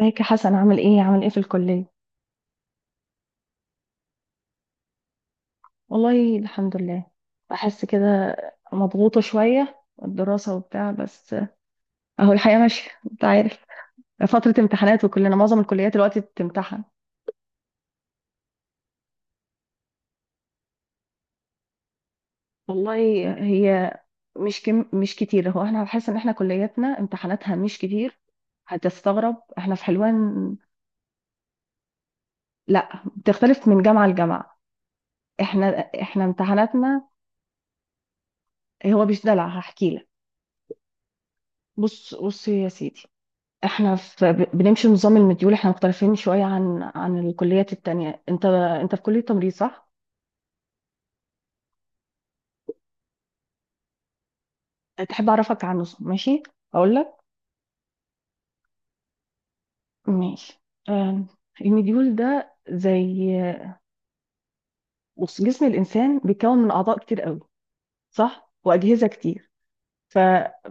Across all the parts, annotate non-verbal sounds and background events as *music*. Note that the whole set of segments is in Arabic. ازيك يا حسن، عامل ايه في الكلية؟ والله الحمد لله. بحس كده مضغوطة شوية، الدراسة وبتاع، بس اهو الحياة ماشية انت عارف. فترة امتحانات وكلنا، معظم الكليات دلوقتي بتمتحن. والله هي مش كتير. هو احنا بحس ان احنا كلياتنا امتحاناتها مش كتير. هتستغرب، احنا في حلوان. لا بتختلف من جامعة لجامعة. احنا احنا امتحاناتنا، هو مش دلع، هحكي لك. بص يا سيدي، احنا في بنمشي نظام المديول، احنا مختلفين شوية عن الكليات التانية. انت في كلية تمريض صح؟ تحب اعرفك عنه ماشي؟ اقول لك. ماشي. آم، المديول ده زي، بص، جسم الانسان بيتكون من اعضاء كتير قوي صح؟ واجهزة كتير. ف...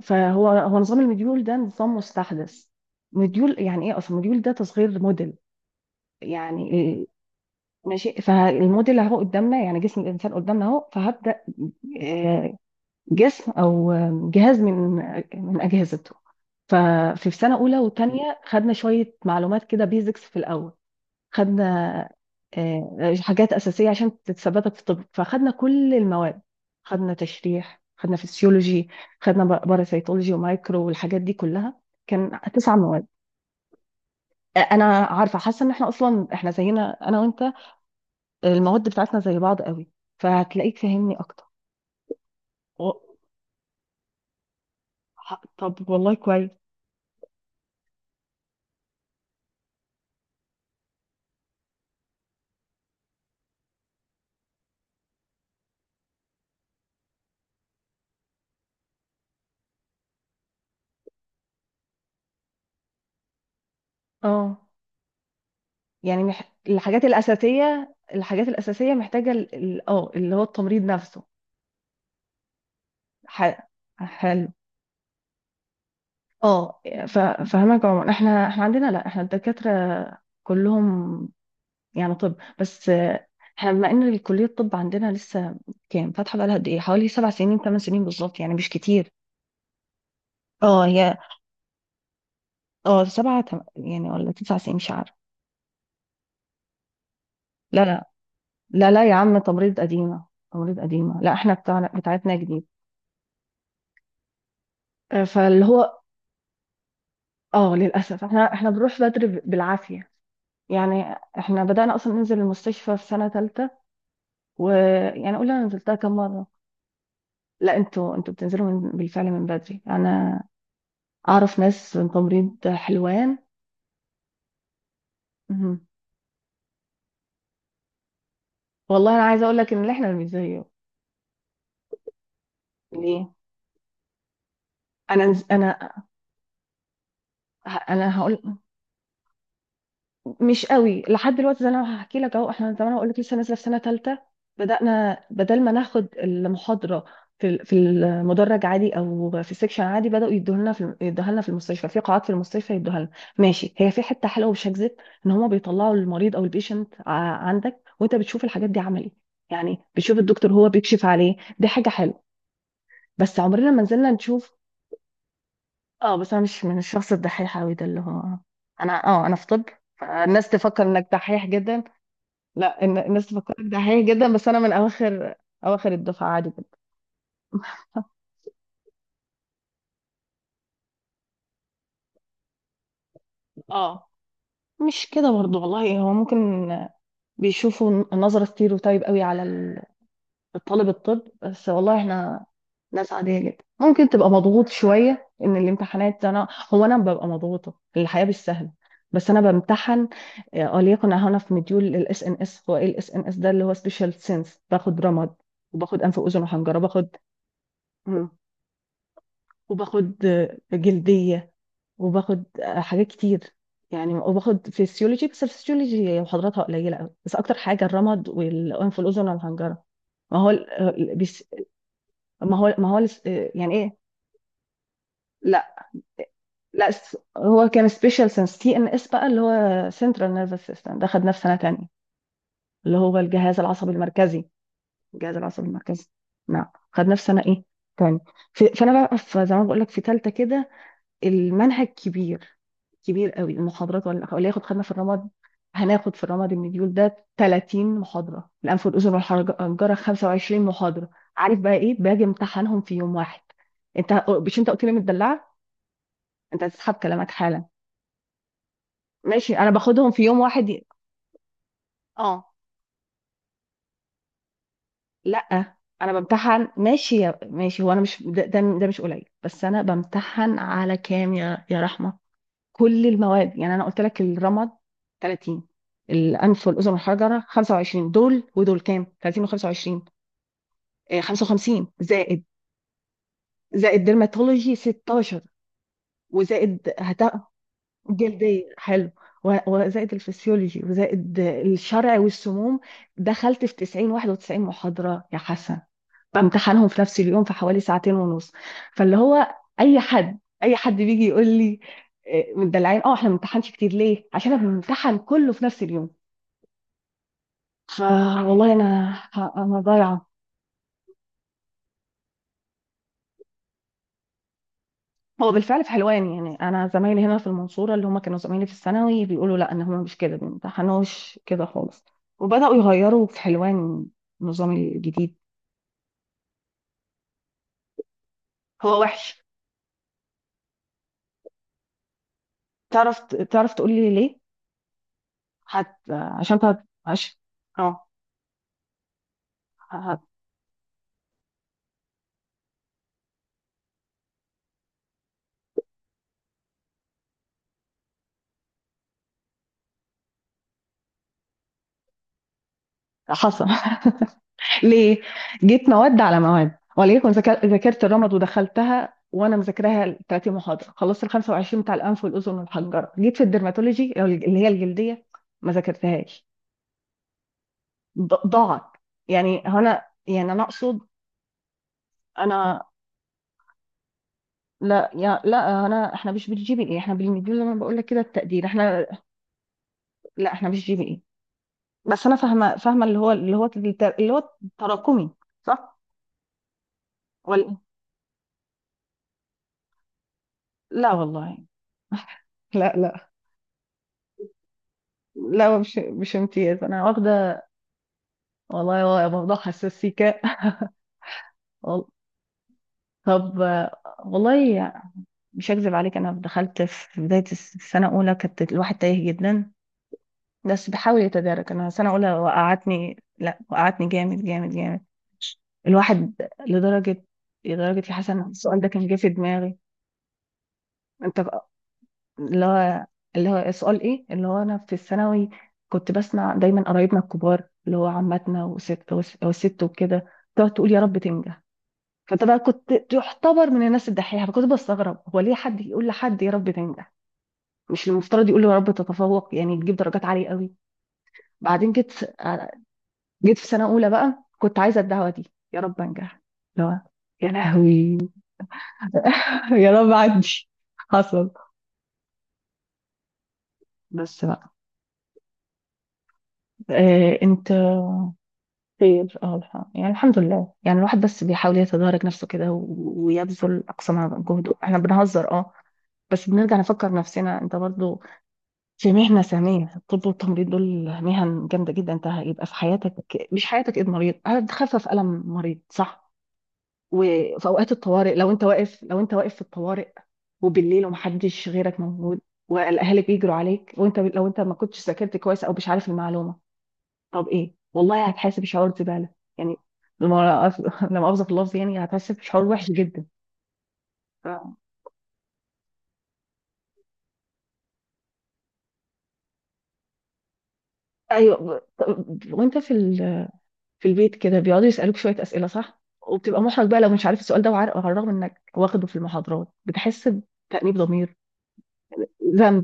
فهو، نظام المديول ده نظام مستحدث. مديول يعني ايه اصلا؟ مديول ده تصغير موديل. يعني إيه؟ ماشي، فالموديل اهو قدامنا، يعني جسم الانسان قدامنا اهو، فهبدأ آه، جسم او جهاز من اجهزته. ففي سنه اولى وثانيه خدنا شويه معلومات كده، بيزكس في الاول. خدنا حاجات اساسيه عشان تثبتك في الطب، فخدنا كل المواد. خدنا تشريح، خدنا فسيولوجي، خدنا باراسيتولوجي ومايكرو والحاجات دي كلها. كان تسع مواد. انا عارفه، حاسه ان احنا اصلا زينا انا وانت. المواد بتاعتنا زي بعض قوي، فهتلاقيك فاهمني اكتر. و- طب والله كويس. اه. يعني الحاجات الأساسية، الحاجات الأساسية محتاجة اللي هو التمريض نفسه. ح... حلو. اه. ف... فهمك يا عمر، احنا عندنا لا، احنا الدكاترة كلهم، يعني طب. بس احنا بما ان الكلية الطب عندنا لسه كام، فاتحة بقالها قد ايه، حوالي سبع سنين، ثمان سنين بالظبط، يعني مش كتير. اه هي. اه سبعة يعني، ولا تسع سنين مش عارفة. لا لا، لا لا يا عم، تمريض قديمة. تمريض قديمة، لا، احنا بتاعنا بتاعتنا جديد. فاللي هو اه، للأسف احنا بنروح بدري، بالعافية يعني. احنا بدأنا أصلا ننزل المستشفى في سنة تالتة، ويعني قولي أنا نزلتها كم مرة. لا انتوا بتنزلوا من، بالفعل من بدري. أنا أعرف ناس من تمريض حلوان. مهم. والله أنا عايزة أقول لك إن احنا مش زيه. ليه؟ أنا نز... أنا أنا هقول، مش قوي لحد دلوقتي، زي ما انا هحكي لك اهو. احنا زي ما انا بقول لك لسه نازله في سنه ثالثه. بدانا بدل ما ناخد المحاضره في في المدرج عادي او في السكشن عادي، بداوا يدوها لنا في المستشفى، في قاعات في المستشفى يدوها لنا. ماشي، هي في حته حلوه مش هكذب، ان هما بيطلعوا المريض او البيشنت عندك وانت بتشوف الحاجات دي عملي، يعني بتشوف الدكتور هو بيكشف عليه، دي حاجه حلوه. بس عمرنا ما نزلنا نشوف. اه، بس انا مش من الشخص الدحيح قوي ده، اللي هو انا اه، انا في طب فالناس تفكر انك دحيح جدا. لا، الناس تفكرك دحيح جدا، بس انا من اواخر، اواخر الدفعه عادي جدا. اه مش كده برضو والله. هو ممكن بيشوفوا نظرة ستيروتايب قوي على الطالب الطب، بس والله احنا ناس عادية جدا، ممكن تبقى مضغوط شوية ان الامتحانات. انا، هو انا ببقى مضغوطة، الحياة مش سهلة، بس انا بمتحن. وليكن هنا في مديول الاس ان اس، هو ايه الاس ان اس ده؟ اللي هو سبيشال سينس. باخد رمد، وباخد انف واذن وحنجرة، باخد. مم. وباخد جلدية، وباخد حاجات كتير يعني. وباخد فيسيولوجي، بس الفسيولوجي محاضراتها قليله قوي، بس اكتر حاجه الرمد والانف والاذن والحنجره. ما هو ال- ال- بيس- ما هو يعني ايه؟ لا، هو كان سبيشال سنس، تي ان اس بقى اللي هو سنترال نيرفس سيستم، ده خدناه في سنه تانية، اللي هو الجهاز العصبي المركزي. الجهاز العصبي المركزي. نعم. خدناه في سنه ايه، تاني. فانا بقى زي ما بقول لك في ثالثه كده. المنهج كبير، كبير قوي المحاضرات. ولا ولا ياخد، خدنا في الرمد. هناخد في الرمد، المديول ده 30 محاضرة، الأنف والأذن والحنجرة 25 محاضرة. عارف بقى إيه؟ باجي امتحنهم في يوم واحد. أنت مش أنت قلت لي متدلعة، أنت هتسحب كلامك حالا. ماشي، أنا باخدهم في يوم واحد، أه لأ أنا بمتحن ماشي يا، ماشي، هو أنا مش، ده مش قليل، بس أنا بمتحن على كام يا رحمة؟ كل المواد يعني. أنا قلت لك الرمد 30، الانف والاذن والحجره 25، دول ودول كام؟ 30 و25، 55 زائد، زائد ديرماتولوجي 16، وزائد جلديه حلو، وزائد الفسيولوجي، وزائد الشرع والسموم. دخلت في 90 91 محاضره يا حسن، بامتحنهم في نفس اليوم في حوالي ساعتين ونص. فاللي هو، اي حد بيجي يقول لي إيه، مدلعين. اه احنا ما بنمتحنش كتير ليه؟ عشان احنا بنمتحن كله في نفس اليوم. فوالله انا، انا ضايعه. هو بالفعل في حلوان يعني، انا زمايلي هنا في المنصوره اللي هم كانوا زمايلي في الثانوي بيقولوا لا ان هم مش كده، ما امتحنوش كده خالص. وبداوا يغيروا في حلوان النظام الجديد. هو وحش. تعرف، تقول لي ليه؟ عشان تعرف. عش... اه. هت... حصل *laughs* ليه؟ جيت مواد على مواد، وليكن ذاكرت الرمد ودخلتها وانا مذاكراها 30 محاضره، خلصت ال 25 بتاع الانف والاذن والحنجره، جيت في الدرماتولوجي اللي هي الجلديه، ما ذاكرتهاش، ضاعت. يعني هنا يعني انا اقصد. انا، لا يا، لا انا، احنا مش بالجي بي اي، احنا بالمديول زي ما بقول لك كده التقدير احنا. لا احنا مش جي بي اي. بس انا فاهمه، اللي هو اللي هو التراكمي، صح؟ ولا؟ لا والله *laughs* لا لا، لا مش امتياز، انا واخده. والله هو موضوع حساس سيكا *laughs* وال- طب والله مش هكذب عليك، انا دخلت في بدايه السنه الاولى كانت الواحد تايه جدا، بس بحاول يتدارك. انا السنه الاولى وقعتني، لا وقعتني جامد جامد جامد. الواحد، لدرجه، لدرجه يا حسن السؤال ده كان جه في دماغي. انت بقى- اللي هو، سؤال ايه؟ اللي هو انا في الثانوي كنت بسمع دايما قرايبنا الكبار اللي هو عماتنا وست وكده، تقعد تقول يا رب تنجح. فانت بقى كنت تعتبر من الناس الدحيحه، فكنت بستغرب، هو ليه حد يقول لحد يا رب تنجح؟ مش المفترض يقول له يا رب تتفوق؟ يعني تجيب درجات عاليه قوي. بعدين جيت، جيت في سنه اولى بقى كنت عايزه الدعوه دي، يا رب انجح. لا، يا لهوي *laughs* يا رب عندي. حصل. بس بقى، آه انت، خير. اه، يعني الحمد لله. يعني الواحد بس بيحاول يتدارك نفسه كده، ويبذل اقصى ما جهده. احنا بنهزر اه، بس بنرجع نفكر نفسنا، انت برضو في مهنة ثانية. الطب والتمريض دول مهن جامدة جدا، انت هيبقى في حياتك، مش حياتك، ايد مريض هتخفف ألم مريض صح؟ وفي أوقات الطوارئ لو انت واقف، في الطوارئ وبالليل ومحدش غيرك موجود، والأهالي بيجروا عليك، وانت لو انت ما كنتش ذاكرت كويس أو مش عارف المعلومة، طب ايه؟ والله هتحاسب شعور زبالة يعني، لما *laughs* لما أفظ في اللفظ يعني، هتحاسب شعور وحش جدا. ف- ايوه وانت في البيت كده بيقعدوا يسألوك شوية أسئلة صح؟ وبتبقى محرج بقى لو مش عارف السؤال ده، وعارف على الرغم إنك واخده في المحاضرات، بتحس بتأنيب ضمير، ذنب.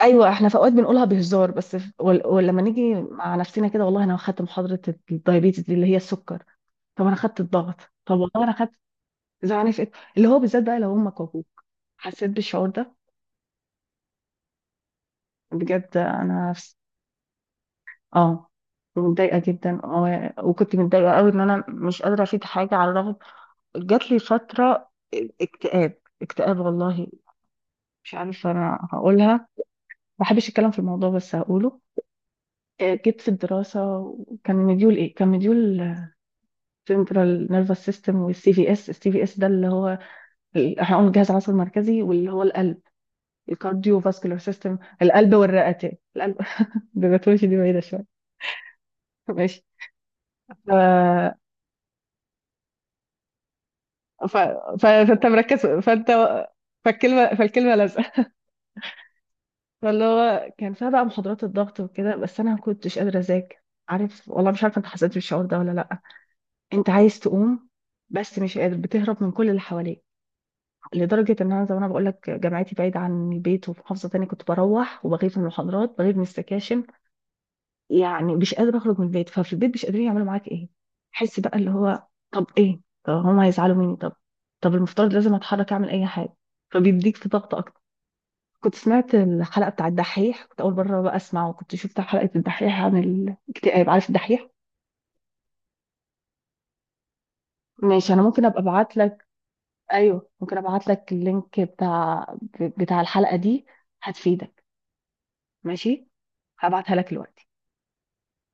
ايوه احنا في اوقات بنقولها بهزار، بس ولما نيجي مع نفسنا كده، والله انا خدت محاضره الدايابيتس دي اللي هي السكر، طب انا خدت الضغط، طب والله انا خدت زعلانه في إيه؟ اللي هو بالذات بقى لو امك وابوك، حسيت بالشعور ده بجد. انا اه متضايقه جدا، وكنت متضايقه قوي ان انا مش قادره افيد حاجه على الرغم. جات لي فترة اكتئاب، اكتئاب والله. مش عارفة أنا هقولها، ما بحبش الكلام في الموضوع بس هقوله. جيت في الدراسة، وكان مديول إيه؟ كان مديول سنترال نيرفس سيستم. والسي في اس، السي في اس ده اللي هو احنا قلنا الجهاز العصبي المركزي، واللي هو القلب، الكارديو فاسكولار سيستم، القلب والرئتين، القلب. *laughs* الباثولوجي دي بعيدة شوية *laughs* ماشي. ف... ف... فأنت مركز، فأنت، فالكلمة، لازقة. فاللي هو كان فيها بقى محاضرات الضغط وكده، بس انا ما كنتش قادره اذاكر. عارف، والله مش عارفه انت حسيت بالشعور ده ولا لا. انت عايز تقوم بس مش قادر، بتهرب من كل اللي حواليك، لدرجه ان انا زي ما انا بقول لك جامعتي بعيد عن البيت وفي محافظه تانية، كنت بروح وبغيب من المحاضرات، بغيب من السكاشن، يعني مش قادره اخرج من البيت. ففي البيت مش قادرين يعملوا معاك ايه؟ حس بقى اللي هو طب ايه، طب هم هيزعلوا مني، طب المفترض لازم اتحرك اعمل اي حاجه، فبيديك في ضغط. كنت سمعت الحلقة بتاع الدحيح، كنت أول مرة بقى أسمعه، كنت شفت حلقة الدحيح عن الاكتئاب. عارف الدحيح؟ ماشي، أنا ممكن أبقى أبعت لك. أيوه ممكن أبعت لك اللينك بتاع، الحلقة دي، هتفيدك، ماشي؟ هبعتها لك دلوقتي.